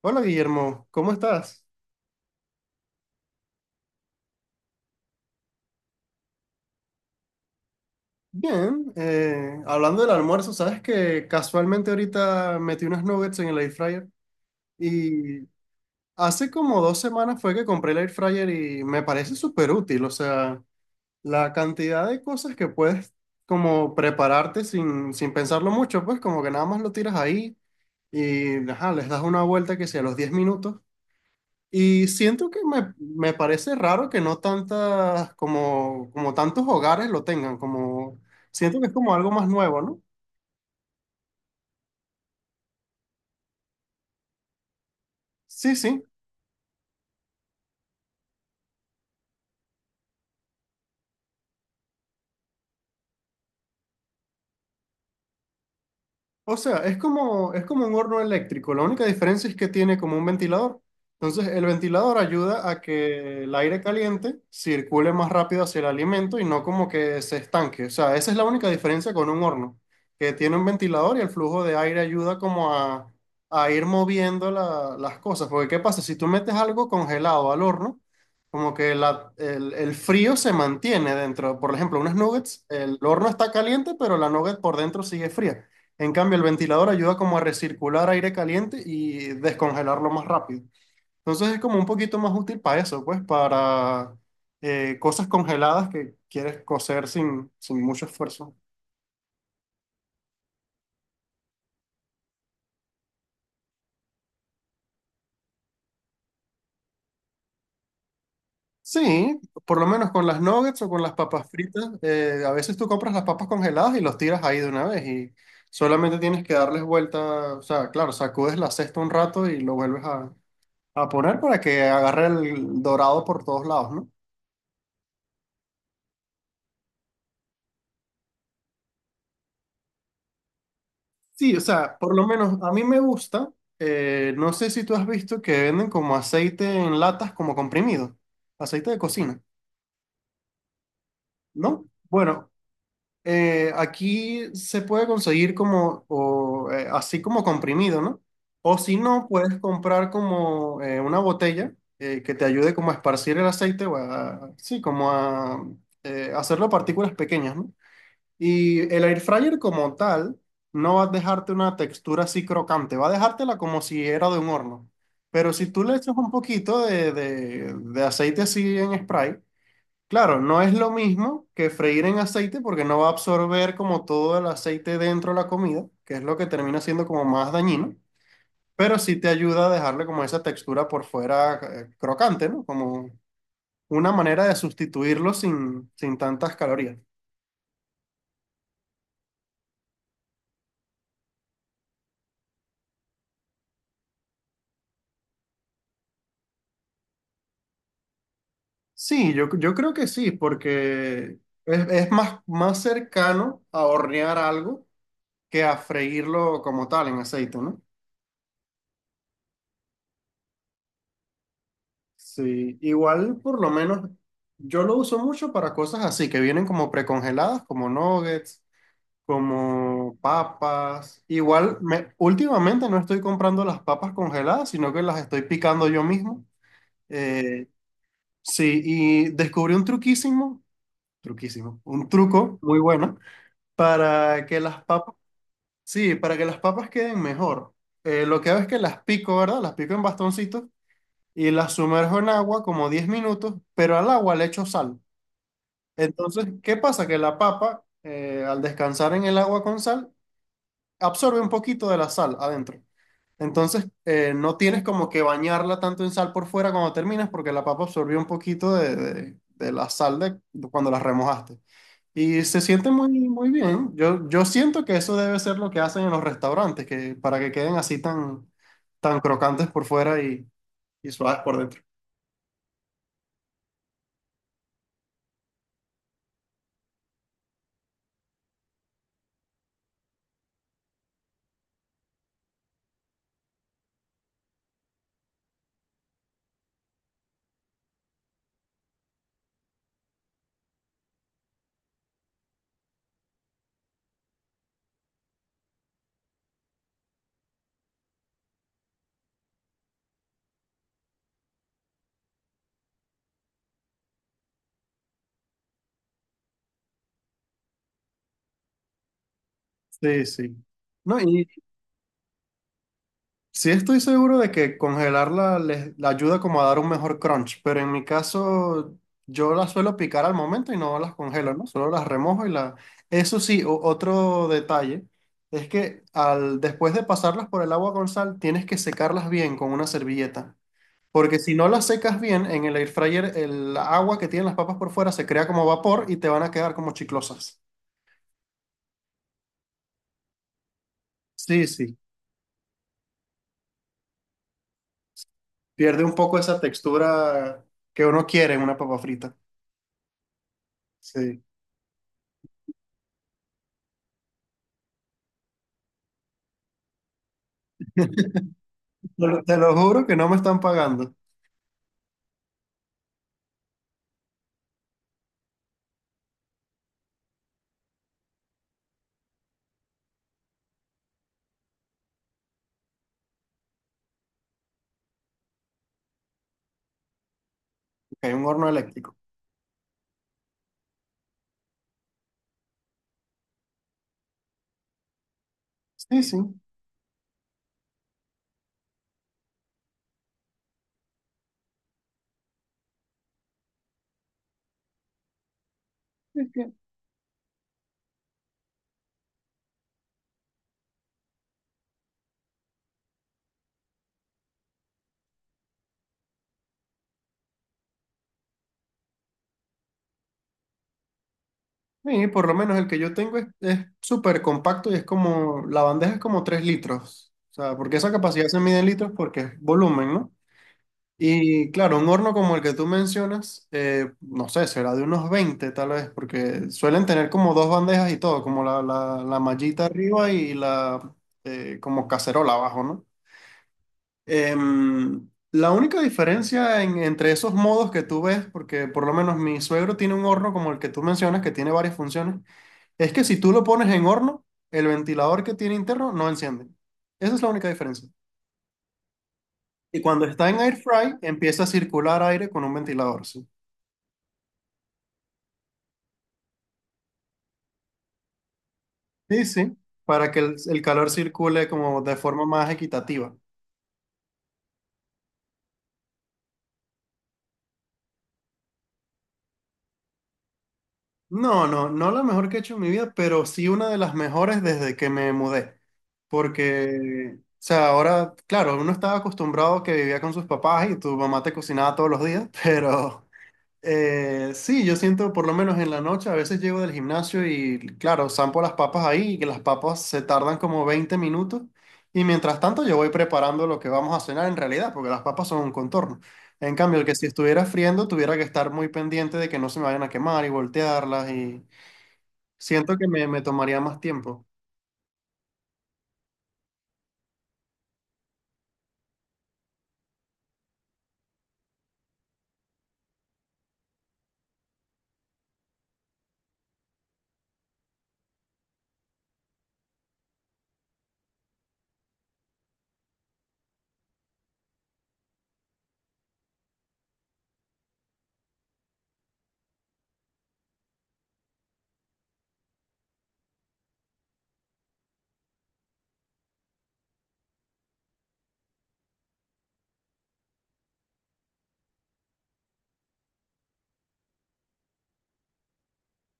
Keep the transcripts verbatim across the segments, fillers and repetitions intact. Hola Guillermo, ¿cómo estás? Bien, eh, hablando del almuerzo, sabes que casualmente ahorita metí unos nuggets en el air fryer y hace como dos semanas fue que compré el air fryer y me parece súper útil, o sea, la cantidad de cosas que puedes como prepararte sin, sin pensarlo mucho, pues como que nada más lo tiras ahí y ajá, les das una vuelta que sea a los diez minutos. Y siento que me, me parece raro que no tantas, como, como tantos hogares lo tengan, como siento que es como algo más nuevo, ¿no? Sí, sí. O sea, es como, es como un horno eléctrico. La única diferencia es que tiene como un ventilador. Entonces, el ventilador ayuda a que el aire caliente circule más rápido hacia el alimento y no como que se estanque. O sea, esa es la única diferencia con un horno, que tiene un ventilador y el flujo de aire ayuda como a, a ir moviendo la- las cosas. Porque, ¿qué pasa? Si tú metes algo congelado al horno, como que la- el, el frío se mantiene dentro. Por ejemplo, unas nuggets, el horno está caliente, pero la nugget por dentro sigue fría. En cambio, el ventilador ayuda como a recircular aire caliente y descongelarlo más rápido. Entonces es como un poquito más útil para eso, pues para eh, cosas congeladas que quieres cocer sin, sin mucho esfuerzo. Sí, por lo menos con las nuggets o con las papas fritas, eh, a veces tú compras las papas congeladas y los tiras ahí de una vez y solamente tienes que darles vuelta, o sea, claro, sacudes la cesta un rato y lo vuelves a, a poner para que agarre el dorado por todos lados, ¿no? Sí, o sea, por lo menos a mí me gusta. eh, no sé si tú has visto que venden como aceite en latas como comprimido, aceite de cocina, ¿no? Bueno, eh, aquí se puede conseguir como, o, eh, así como comprimido, ¿no? O si no, puedes comprar como eh, una botella eh, que te ayude como a esparcir el aceite o a, sí, como a eh, hacerlo partículas pequeñas, ¿no? Y el air fryer como tal no va a dejarte una textura así crocante, va a dejártela como si era de un horno. Pero si tú le echas un poquito de, de- de aceite así en spray, claro, no es lo mismo que freír en aceite porque no va a absorber como todo el aceite dentro de la comida, que es lo que termina siendo como más dañino, pero sí te ayuda a dejarle como esa textura por fuera eh, crocante, ¿no? Como una manera de sustituirlo sin, sin tantas calorías. Sí, yo, yo creo que sí, porque es, es más, más cercano a hornear algo que a freírlo como tal en aceite, ¿no? Sí, igual por lo menos yo lo uso mucho para cosas así, que vienen como precongeladas, como nuggets, como papas. Igual me, últimamente no estoy comprando las papas congeladas, sino que las estoy picando yo mismo. Eh, sí, y descubrí un truquísimo, truquísimo, un truco muy bueno para que las papas, sí, para que las papas queden mejor. eh, lo que hago es que las pico, ¿verdad? Las pico en bastoncitos y las sumerjo en agua como diez minutos, pero al agua le echo sal. Entonces, ¿qué pasa? Que la papa, eh, al descansar en el agua con sal, absorbe un poquito de la sal adentro. Entonces, eh, no tienes como que bañarla tanto en sal por fuera cuando terminas, porque la papa absorbió un poquito de, de- de la sal de cuando la remojaste. Y se siente muy, muy bien. Yo, yo siento que eso debe ser lo que hacen en los restaurantes, que para que queden así tan, tan crocantes por fuera y, y suaves por dentro. Sí, sí. No, y sí estoy seguro de que congelarla les la ayuda como a dar un mejor crunch, pero en mi caso yo las suelo picar al momento y no las congelo, ¿no? Solo las remojo y la... Eso sí, o- otro detalle es que al, después de pasarlas por el agua con sal, tienes que secarlas bien con una servilleta. Porque si no las secas bien, en el air fryer el agua que tienen las papas por fuera se crea como vapor y te van a quedar como chiclosas. Sí, sí. Pierde un poco esa textura que uno quiere en una papa frita. Sí. Te lo, te lo juro que no me están pagando. Que hay un horno eléctrico. Sí, sí. Es que- sí, por lo menos el que yo tengo es, es súper compacto y es como, la bandeja es como tres litros. O sea, porque esa capacidad se mide en litros porque es volumen, ¿no? Y claro, un horno como el que tú mencionas, eh, no sé, será de unos veinte, tal vez, porque suelen tener como dos bandejas y todo, como la, la, la mallita arriba y la eh, como cacerola abajo, ¿no? Em, la única diferencia en- entre esos modos que tú ves, porque por lo menos mi suegro tiene un horno como el que tú mencionas, que tiene varias funciones, es que si tú lo pones en horno, el ventilador que tiene interno no enciende. Esa es la única diferencia. Y cuando está en air fry, empieza a circular aire con un ventilador. ¿Sí? Sí, sí, para que el, el calor circule como de forma más equitativa. No, no, no la mejor que he hecho en mi vida, pero sí una de las mejores desde que me mudé. Porque, o sea, ahora, claro, uno estaba acostumbrado que vivía con sus papás y tu mamá te cocinaba todos los días, pero Eh, sí, yo siento por lo menos en la noche, a veces llego del gimnasio y claro, zampo las papas ahí y que las papas se tardan como veinte minutos y mientras tanto yo voy preparando lo que vamos a cenar en realidad, porque las papas son un contorno. En cambio, el que si estuviera friendo tuviera que estar muy pendiente de que no se me vayan a quemar y voltearlas y siento que me, me tomaría más tiempo.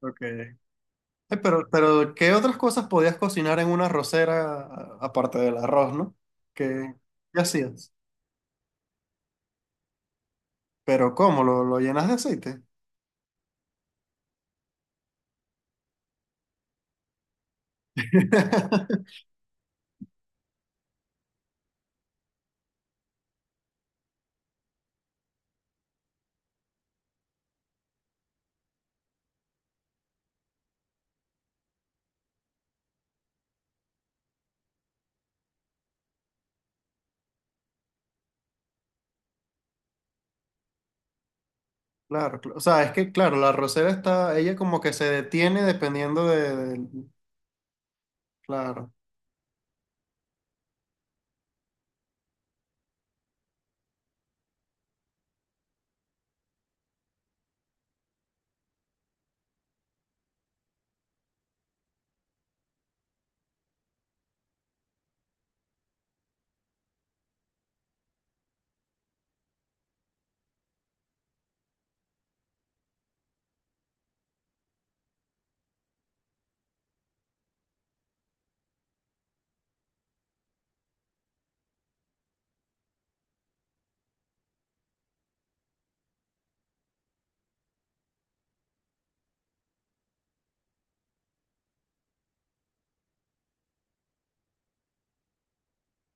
Ok. Eh, pero, pero, ¿qué otras cosas podías cocinar en una arrocera a- aparte del arroz, ¿no? ¿Qué, qué hacías? Pero ¿cómo? ¿Lo, lo llenas de aceite? Claro, cl- o sea, es que, claro, la rosera está, ella como que se detiene dependiendo de, de- Claro,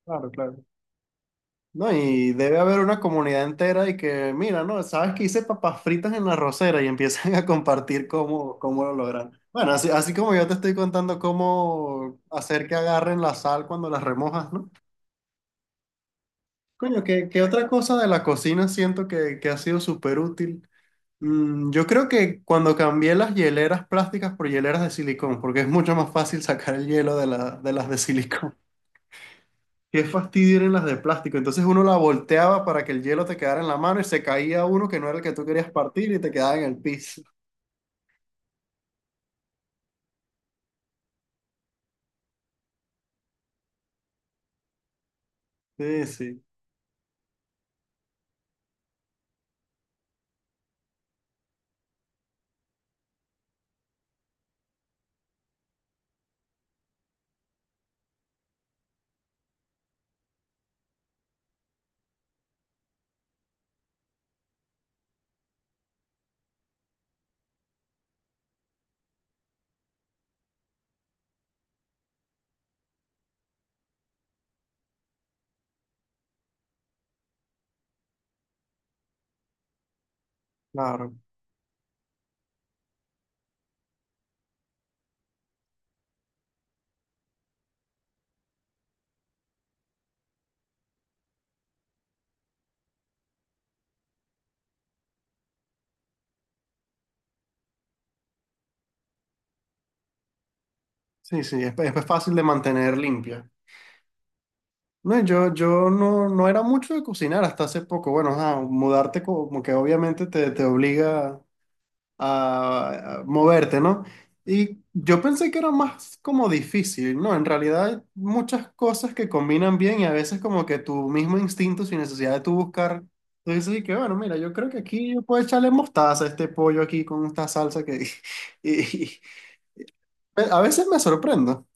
claro, claro. No, y debe haber una comunidad entera y que, mira, no, sabes que hice papas fritas en la rosera y empiezan a compartir cómo, cómo lo logran. Bueno, así, así como yo te estoy contando cómo hacer que agarren la sal cuando las remojas, ¿no? Coño, qué qué otra cosa de la cocina siento que, que, ha sido súper útil. Mm, yo creo que cuando cambié las hieleras plásticas por hieleras de silicón, porque es mucho más fácil sacar el hielo de, la- de las de silicón. Qué fastidio eran las de plástico. Entonces uno la volteaba para que el hielo te quedara en la mano y se caía uno que no era el que tú querías partir y te quedaba en el piso. Sí, sí, claro. Sí, sí, es, es fácil de mantener limpia. No, yo, yo no, no era mucho de cocinar hasta hace poco. Bueno, ajá, mudarte como que obviamente te, te obliga a, a moverte, ¿no? Y yo pensé que era más como difícil, ¿no? En realidad hay muchas cosas que combinan bien y a veces como que tu mismo instinto, sin necesidad de tú buscar, tú dices y que bueno, mira, yo creo que aquí yo puedo echarle mostaza a este pollo aquí con esta salsa que... y- y- a veces me sorprendo,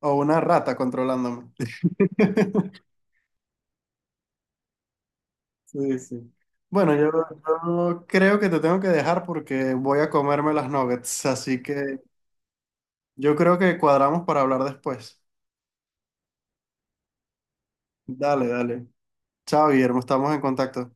o una rata controlándome. Sí, sí. Bueno, yo, yo, creo que te tengo que dejar porque voy a comerme las nuggets, así que yo creo que cuadramos para hablar después. Dale, dale. Chao, Guillermo, estamos en contacto.